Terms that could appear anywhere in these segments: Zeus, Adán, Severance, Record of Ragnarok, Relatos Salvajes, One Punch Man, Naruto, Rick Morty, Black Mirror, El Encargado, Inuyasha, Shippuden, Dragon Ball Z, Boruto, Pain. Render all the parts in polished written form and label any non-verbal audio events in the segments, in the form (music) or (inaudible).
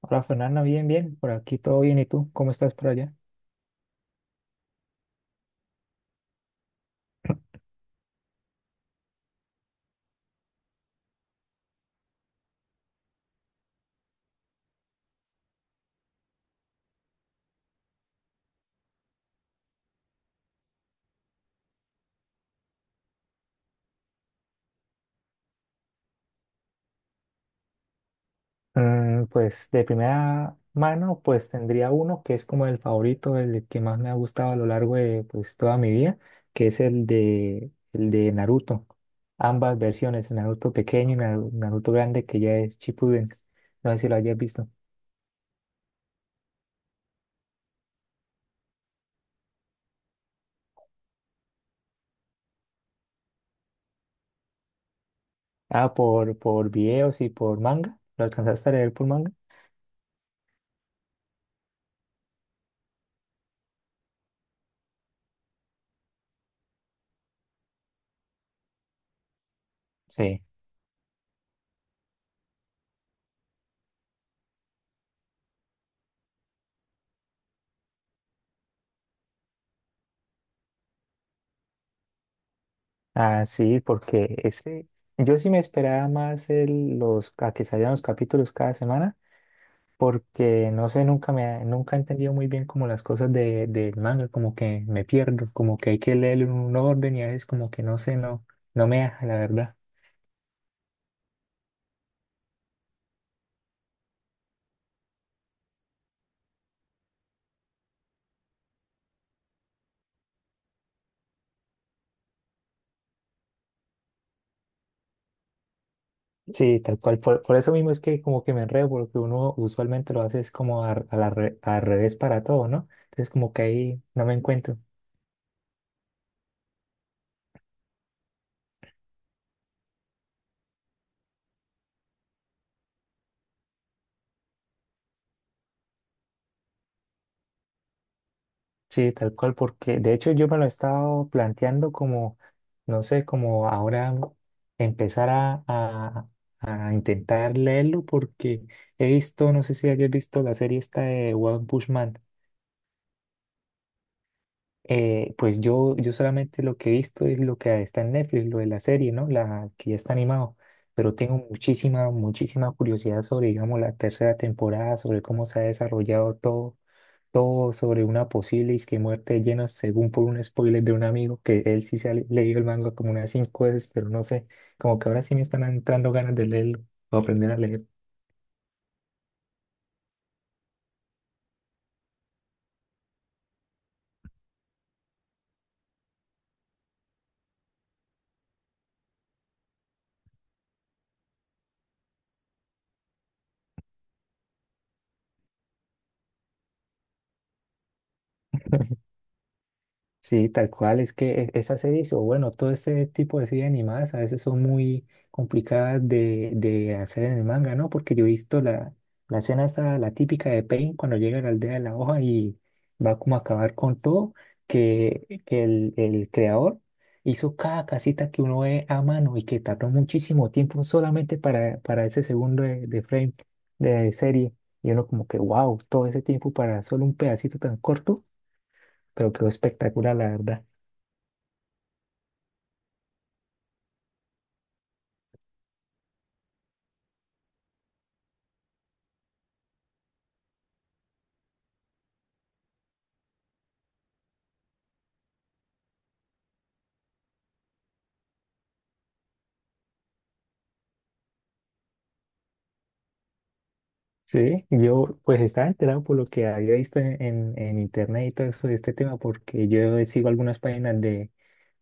Hola Fernanda, bien, bien, por aquí todo bien. ¿Y tú? ¿Cómo estás por allá? Mm, pues de primera mano, pues tendría uno que es como el favorito, el que más me ha gustado a lo largo de pues toda mi vida, que es el de Naruto. Ambas versiones, Naruto pequeño y Naruto grande, que ya es Shippuden. No sé si lo hayas visto. Ah, por videos y por manga. ¿Lo alcanzaste a leer por manga? Sí. Ah, sí, porque ese, yo sí me esperaba más a que salieran los capítulos cada semana, porque no sé, nunca me, ha- nunca he entendido muy bien como las cosas de, del manga, como que me pierdo, como que hay que leer en un orden y a veces como que no sé, no me deja, la verdad. Sí, tal cual, por eso mismo es que como que me enredo, porque uno usualmente lo hace es como al revés para todo, ¿no? Entonces como que ahí no me encuentro. Sí, tal cual, porque de hecho yo me lo he estado planteando como, no sé, como ahora empezar a intentar leerlo porque he visto, no sé si hayas visto la serie esta de One Punch Man. Pues yo solamente lo que he visto es lo que está en Netflix, lo de la serie, ¿no? La que ya está animado, pero tengo muchísima curiosidad sobre, digamos, la tercera temporada, sobre cómo se ha desarrollado todo sobre una posible disque muerte llena según por un spoiler de un amigo, que él sí se ha leído el manga como unas cinco veces, pero no sé, como que ahora sí me están entrando ganas de leerlo o aprender a leer. Sí, tal cual, es que esas series, o bueno, todo este tipo de series animadas a veces son muy complicadas de hacer en el manga, ¿no? Porque yo he visto la escena esa, la típica de Pain cuando llega a la aldea de la hoja y va como a acabar con todo, que el creador hizo cada casita que uno ve a mano y que tardó muchísimo tiempo solamente para ese segundo de frame de serie. Y uno como que, wow, todo ese tiempo para solo un pedacito tan corto, pero quedó espectacular, la verdad. Sí, yo pues estaba enterado por lo que había visto en internet y todo eso de este tema, porque yo sigo algunas páginas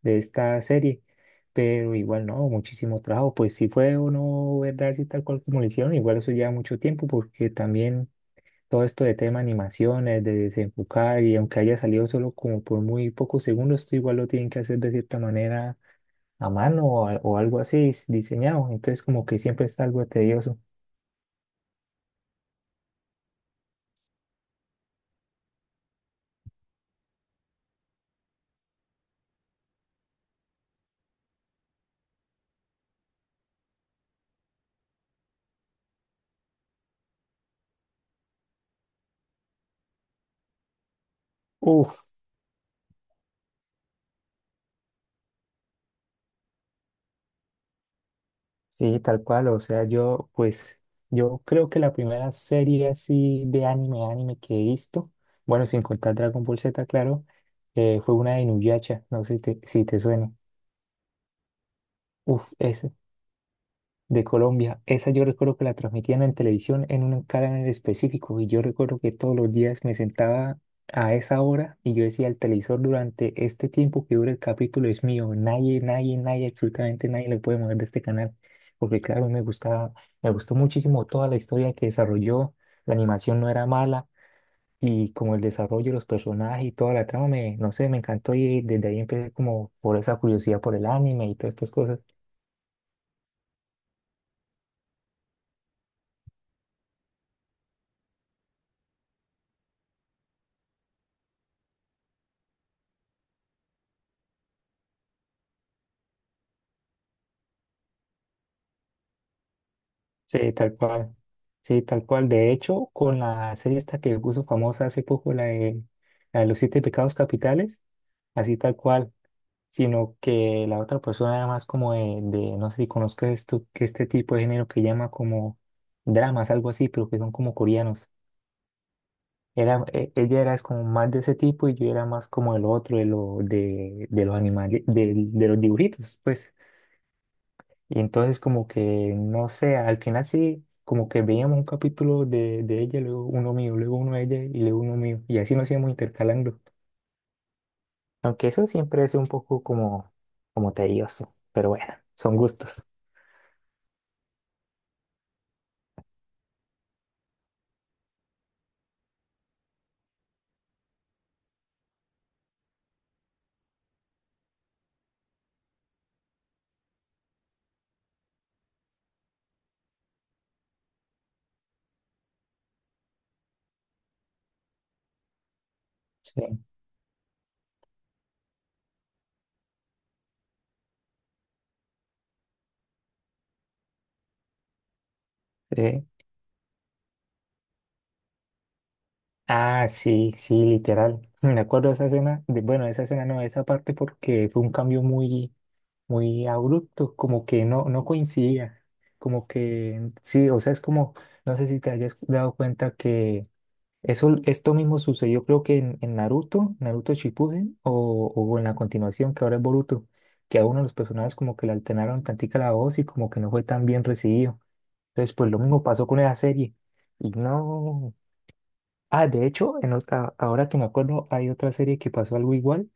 de esta serie, pero igual no, muchísimo trabajo. Pues si fue o no verdad, si tal cual como lo hicieron, igual eso lleva mucho tiempo, porque también todo esto de tema animaciones, de desenfocar, y aunque haya salido solo como por muy pocos segundos, esto igual lo tienen que hacer de cierta manera a mano o algo así diseñado. Entonces como que siempre está algo tedioso. Uf, sí, tal cual, o sea, yo creo que la primera serie así de anime que he visto, bueno, sin contar Dragon Ball Z, claro, fue una de Inuyasha, no sé si te suene. Uf, es de Colombia. Esa yo recuerdo que la transmitían en televisión en un canal específico y yo recuerdo que todos los días me sentaba a esa hora y yo decía el televisor durante este tiempo que dura el capítulo es mío. Nadie, nadie, nadie, absolutamente nadie le puede mover de este canal. Porque claro, me gustaba, me gustó muchísimo toda la historia que desarrolló. La animación no era mala y como el desarrollo los personajes y toda la trama no sé, me encantó y desde ahí empecé como por esa curiosidad por el anime y todas estas cosas. Sí, tal cual. Sí, tal cual. De hecho, con la serie esta que puso famosa hace poco, la de los siete pecados capitales, así tal cual, sino que la otra persona era más como no sé si conozcas esto, que este tipo de género que llama como dramas, algo así, pero que son como coreanos. Era, ella era es como más de ese tipo y yo era más como el otro, de los animales, de los dibujitos, pues. Y entonces como que, no sé, al final sí, como que veíamos un capítulo de ella, luego uno mío, luego uno de ella y luego uno mío. Y así nos íbamos intercalando. Aunque eso siempre es un poco como, como tedioso, pero bueno, son gustos. Sí, sí. Ah, sí, sí, literal. (laughs) Me acuerdo de esa escena, de, bueno, de esa escena no, de esa parte porque fue un cambio muy abrupto, como que no, no coincidía. Como que, sí, o sea, es como, no sé si te hayas dado cuenta. Eso, esto mismo sucedió creo que en Naruto, Naruto Shippuden, o en la continuación que ahora es Boruto, que a uno de los personajes como que le alternaron tantica la voz y como que no fue tan bien recibido. Entonces, pues lo mismo pasó con esa serie. Y no... Ah, de hecho, en otra, ahora que me acuerdo, hay otra serie que pasó algo igual,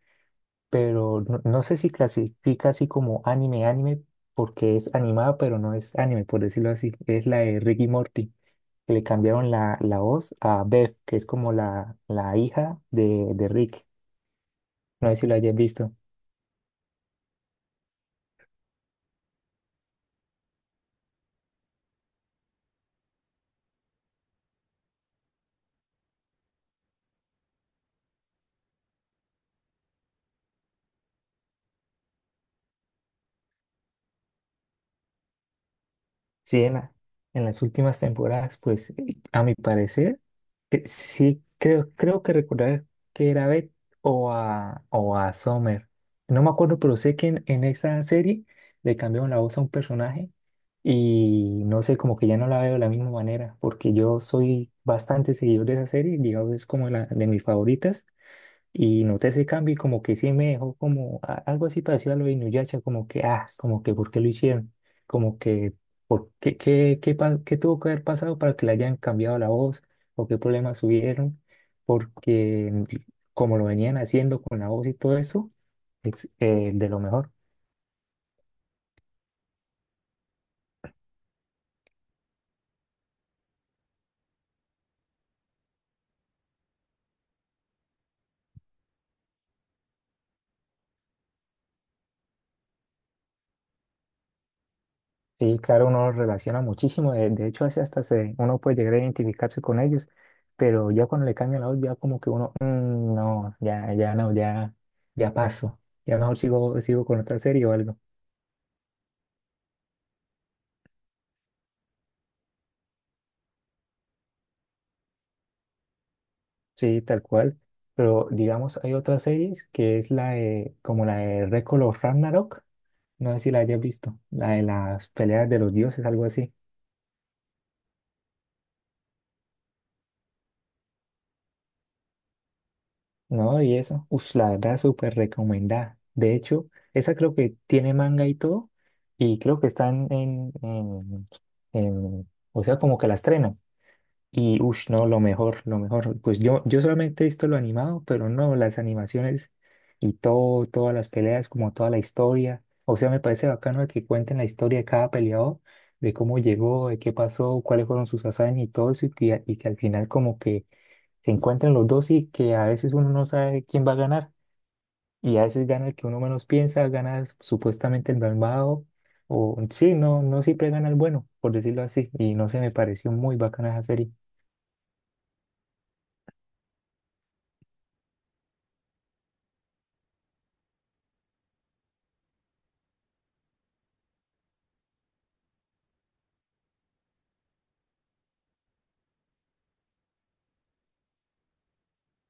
pero no, no sé si clasifica así como anime, anime, porque es animada, pero no es anime, por decirlo así. Es la de Ricky Morty, que le cambiaron la voz a Beth, que es como la hija de Rick. No sé si lo hayas visto. Sí, en las últimas temporadas, pues a mi parecer, creo que recordar que era Beth o a Summer. No me acuerdo, pero sé que en esa serie le cambiaron la voz a un personaje. Y no sé, como que ya no la veo de la misma manera, porque yo soy bastante seguidor de esa serie, digamos, es como la de mis favoritas, y noté ese cambio y como que sí me dejó como algo así parecido a lo de Inuyasha, como que, ah, como que, ¿por qué lo hicieron? Como que, ¿por qué, qué tuvo que haber pasado para que le hayan cambiado la voz? ¿O qué problemas hubieron? Porque como lo venían haciendo con la voz y todo eso, es, de lo mejor. Sí, claro, uno los relaciona muchísimo. De hecho, así hasta se, uno puede llegar a identificarse con ellos, pero ya cuando le cambian la voz, ya como que uno, "Mm, no, ya, ya no, ya, ya paso. Ya mejor sigo, sigo con otra serie o algo. Sí, tal cual. Pero digamos, hay otras series que es la de, como la de Record of Ragnarok. No sé si la hayas visto. La de las peleas de los dioses, algo así. No, y eso. Ush, la verdad, súper recomendada. De hecho, esa creo que tiene manga y todo. Y creo que están o sea, como que la estrenan. Y ush, no, lo mejor, lo mejor. Pues yo solamente he visto lo animado, pero no, las animaciones y todo, todas las peleas, como toda la historia. O sea, me parece bacano que cuenten la historia de cada peleador, de cómo llegó, de qué pasó, cuáles fueron sus hazañas y todo eso, y que al final como que se encuentran los dos y que a veces uno no sabe quién va a ganar y a veces gana el que uno menos piensa, gana supuestamente el malvado no, no siempre gana el bueno, por decirlo así, y no se me pareció muy bacana esa serie.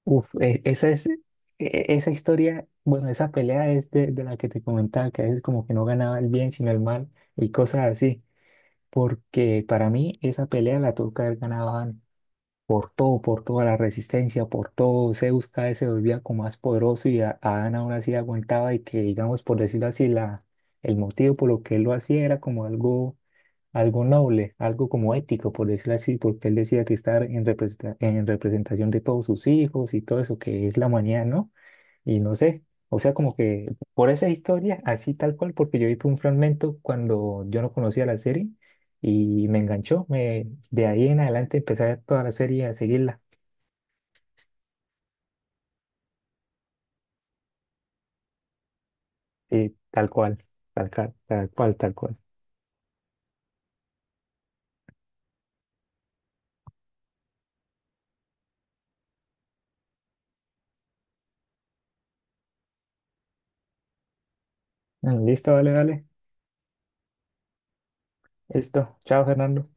Uf, esa historia, bueno, esa pelea es de la que te comentaba, que a veces como que no ganaba el bien sino el mal y cosas así, porque para mí esa pelea la tuvo que haber ganado antes por todo, por toda la resistencia, por todo. Zeus cada vez se volvía como más poderoso y Adán aún así aguantaba y que, digamos, por decirlo así, el motivo por lo que él lo hacía era como algo, algo noble, algo como ético, por decirlo así, porque él decía que estar en en representación de todos sus hijos y todo eso que es la humanidad, ¿no? Y no sé, o sea, como que por esa historia, así tal cual, porque yo vi un fragmento cuando yo no conocía la serie y me enganchó, de ahí en adelante empecé a ver toda la serie, a seguirla, y tal cual, tal cual, tal cual, tal cual. Mm, listo, vale, vale, listo, chao Fernando.